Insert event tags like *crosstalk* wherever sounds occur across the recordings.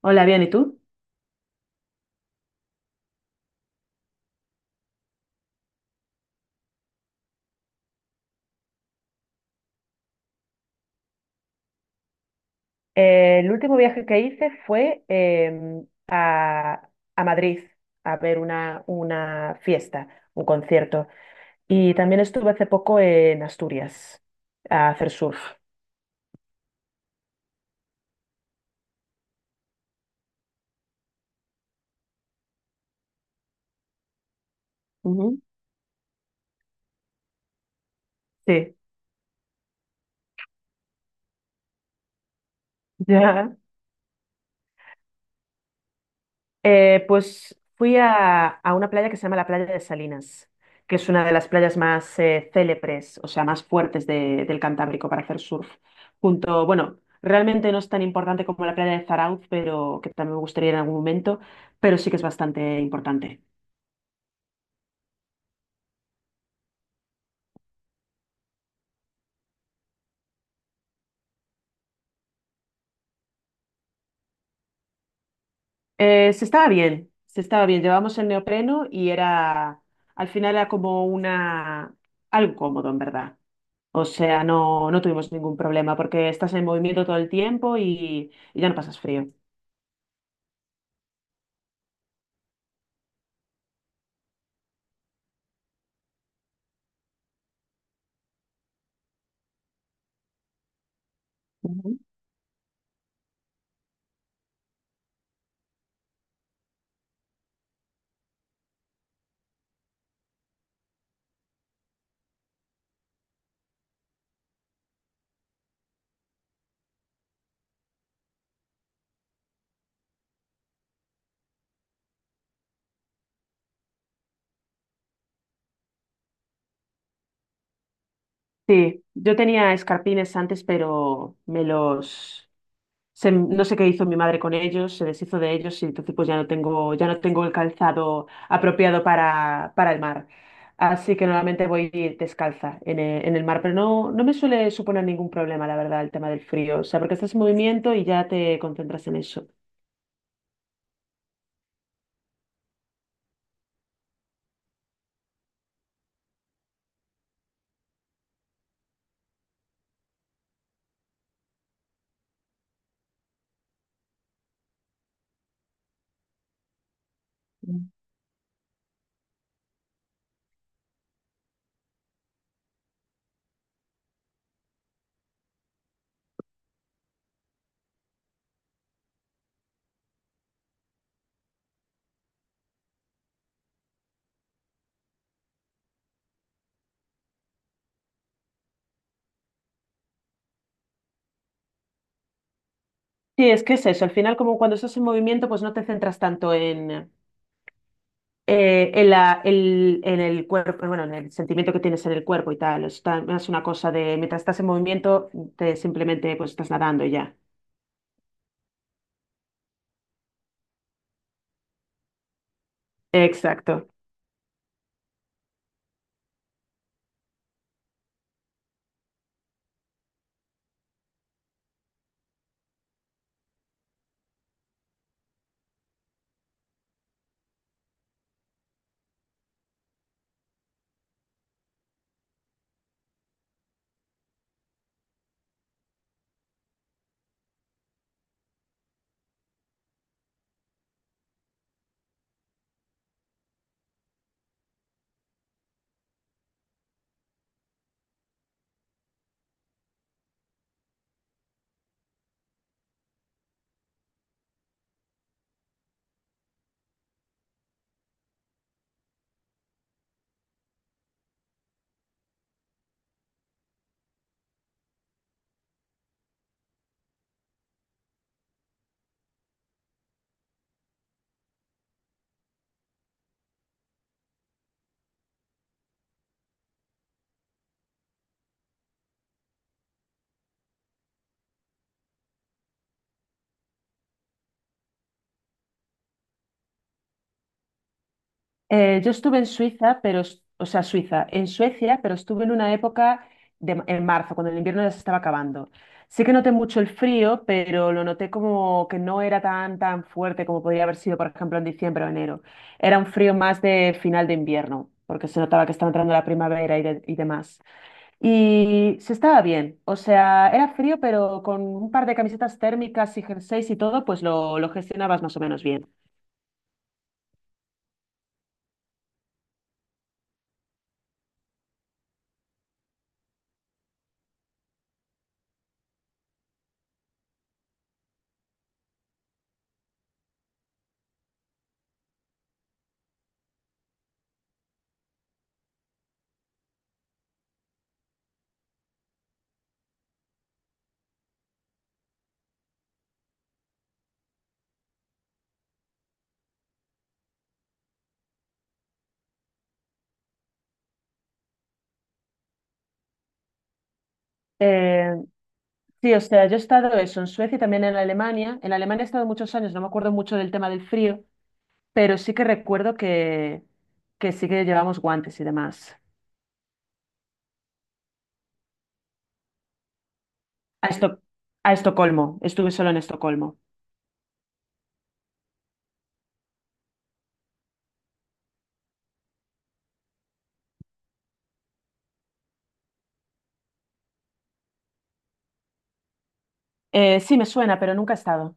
Hola, bien, ¿y tú? El último viaje que hice fue a Madrid a ver una fiesta, un concierto. Y también estuve hace poco en Asturias a hacer surf. Ujú. Sí, *laughs* ya. Pues fui a una playa que se llama la playa de Salinas, que es una de las playas más célebres, o sea, más fuertes del Cantábrico para hacer surf. Junto, bueno, realmente no es tan importante como la playa de Zarauz, pero que también me gustaría ir en algún momento, pero sí que es bastante importante. Se estaba bien. Llevábamos el neopreno y era, al final era como una, algo cómodo, en verdad. O sea, no tuvimos ningún problema porque estás en movimiento todo el tiempo y ya no pasas frío. Ujú. Sí, yo tenía escarpines antes, pero me los... no sé qué hizo mi madre con ellos, se deshizo de ellos y entonces pues ya no tengo el calzado apropiado para el mar. Así que normalmente voy descalza en en el mar, pero no me suele suponer ningún problema, la verdad, el tema del frío. O sea, porque estás en movimiento y ya te concentras en eso. Sí, es que es eso. Al final, como cuando estás en movimiento, pues no te centras tanto en el cuerpo, bueno, en el sentimiento que tienes en el cuerpo y tal. Es una cosa de mientras estás en movimiento, te simplemente pues estás nadando y ya. Exacto. Yo estuve en Suiza, pero, en Suecia, pero estuve en una época en marzo, cuando el invierno ya se estaba acabando. Sí que noté mucho el frío, pero lo noté como que no era tan fuerte como podría haber sido, por ejemplo, en diciembre o enero. Era un frío más de final de invierno, porque se notaba que estaba entrando la primavera y demás. Y se estaba bien, o sea, era frío, pero con un par de camisetas térmicas y jerseys y todo, pues lo gestionabas más o menos bien. Eh, sí, o sea, yo he estado eso en Suecia y también en Alemania. En Alemania he estado muchos años, no me acuerdo mucho del tema del frío, pero sí que recuerdo que sí que llevamos guantes y demás. A Esto- a Estocolmo, estuve solo en Estocolmo. Sí, me suena, pero nunca he estado.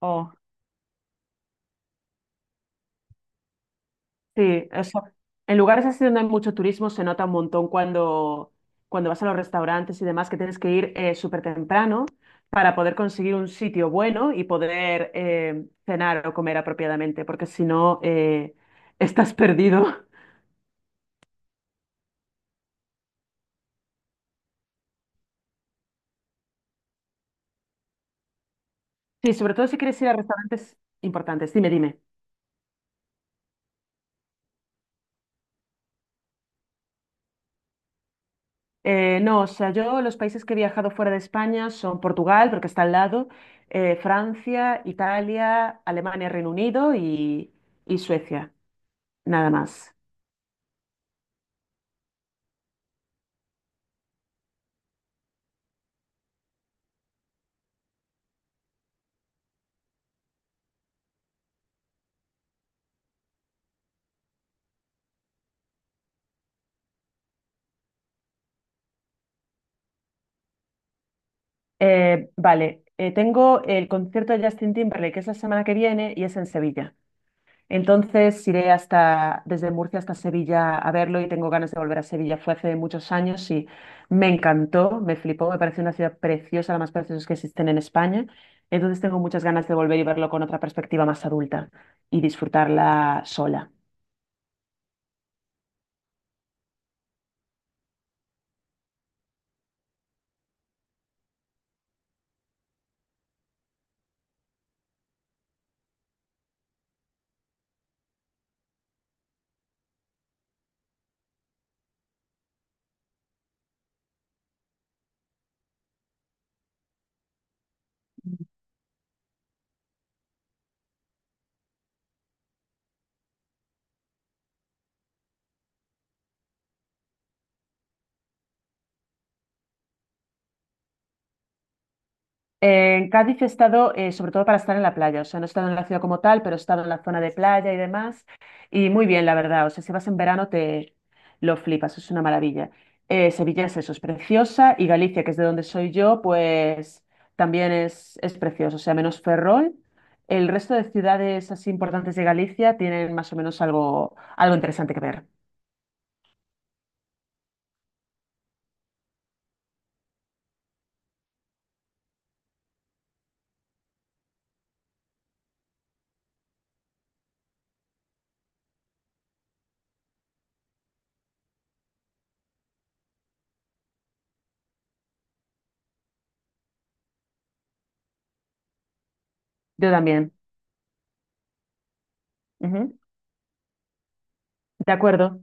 Oh. Sí, eso. En lugares así donde hay mucho turismo se nota un montón cuando vas a los restaurantes y demás que tienes que ir súper temprano para poder conseguir un sitio bueno y poder cenar o comer apropiadamente, porque si no estás perdido. *laughs* Sí, sobre todo si quieres ir a restaurantes importantes. Dime, dime. No, o sea, yo los países que he viajado fuera de España son Portugal, porque está al lado, Francia, Italia, Alemania, Reino Unido y Suecia, nada más. Vale, tengo el concierto de Justin Timberlake, que es la semana que viene y es en Sevilla. Entonces iré hasta, desde Murcia hasta Sevilla a verlo y tengo ganas de volver a Sevilla. Fue hace muchos años y me encantó, me flipó, me pareció una ciudad preciosa, la más preciosa que existen en España. Entonces tengo muchas ganas de volver y verlo con otra perspectiva más adulta y disfrutarla sola. En Cádiz he estado sobre todo para estar en la playa, o sea, no he estado en la ciudad como tal, pero he estado en la zona de playa y demás, y muy bien, la verdad, o sea, si vas en verano te lo flipas, es una maravilla. Sevilla es eso, es preciosa, y Galicia, que es de donde soy yo, pues también es precioso, o sea, menos Ferrol, el resto de ciudades así importantes de Galicia tienen más o menos algo, algo interesante que ver. Yo también. Ujú. De acuerdo,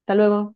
hasta luego.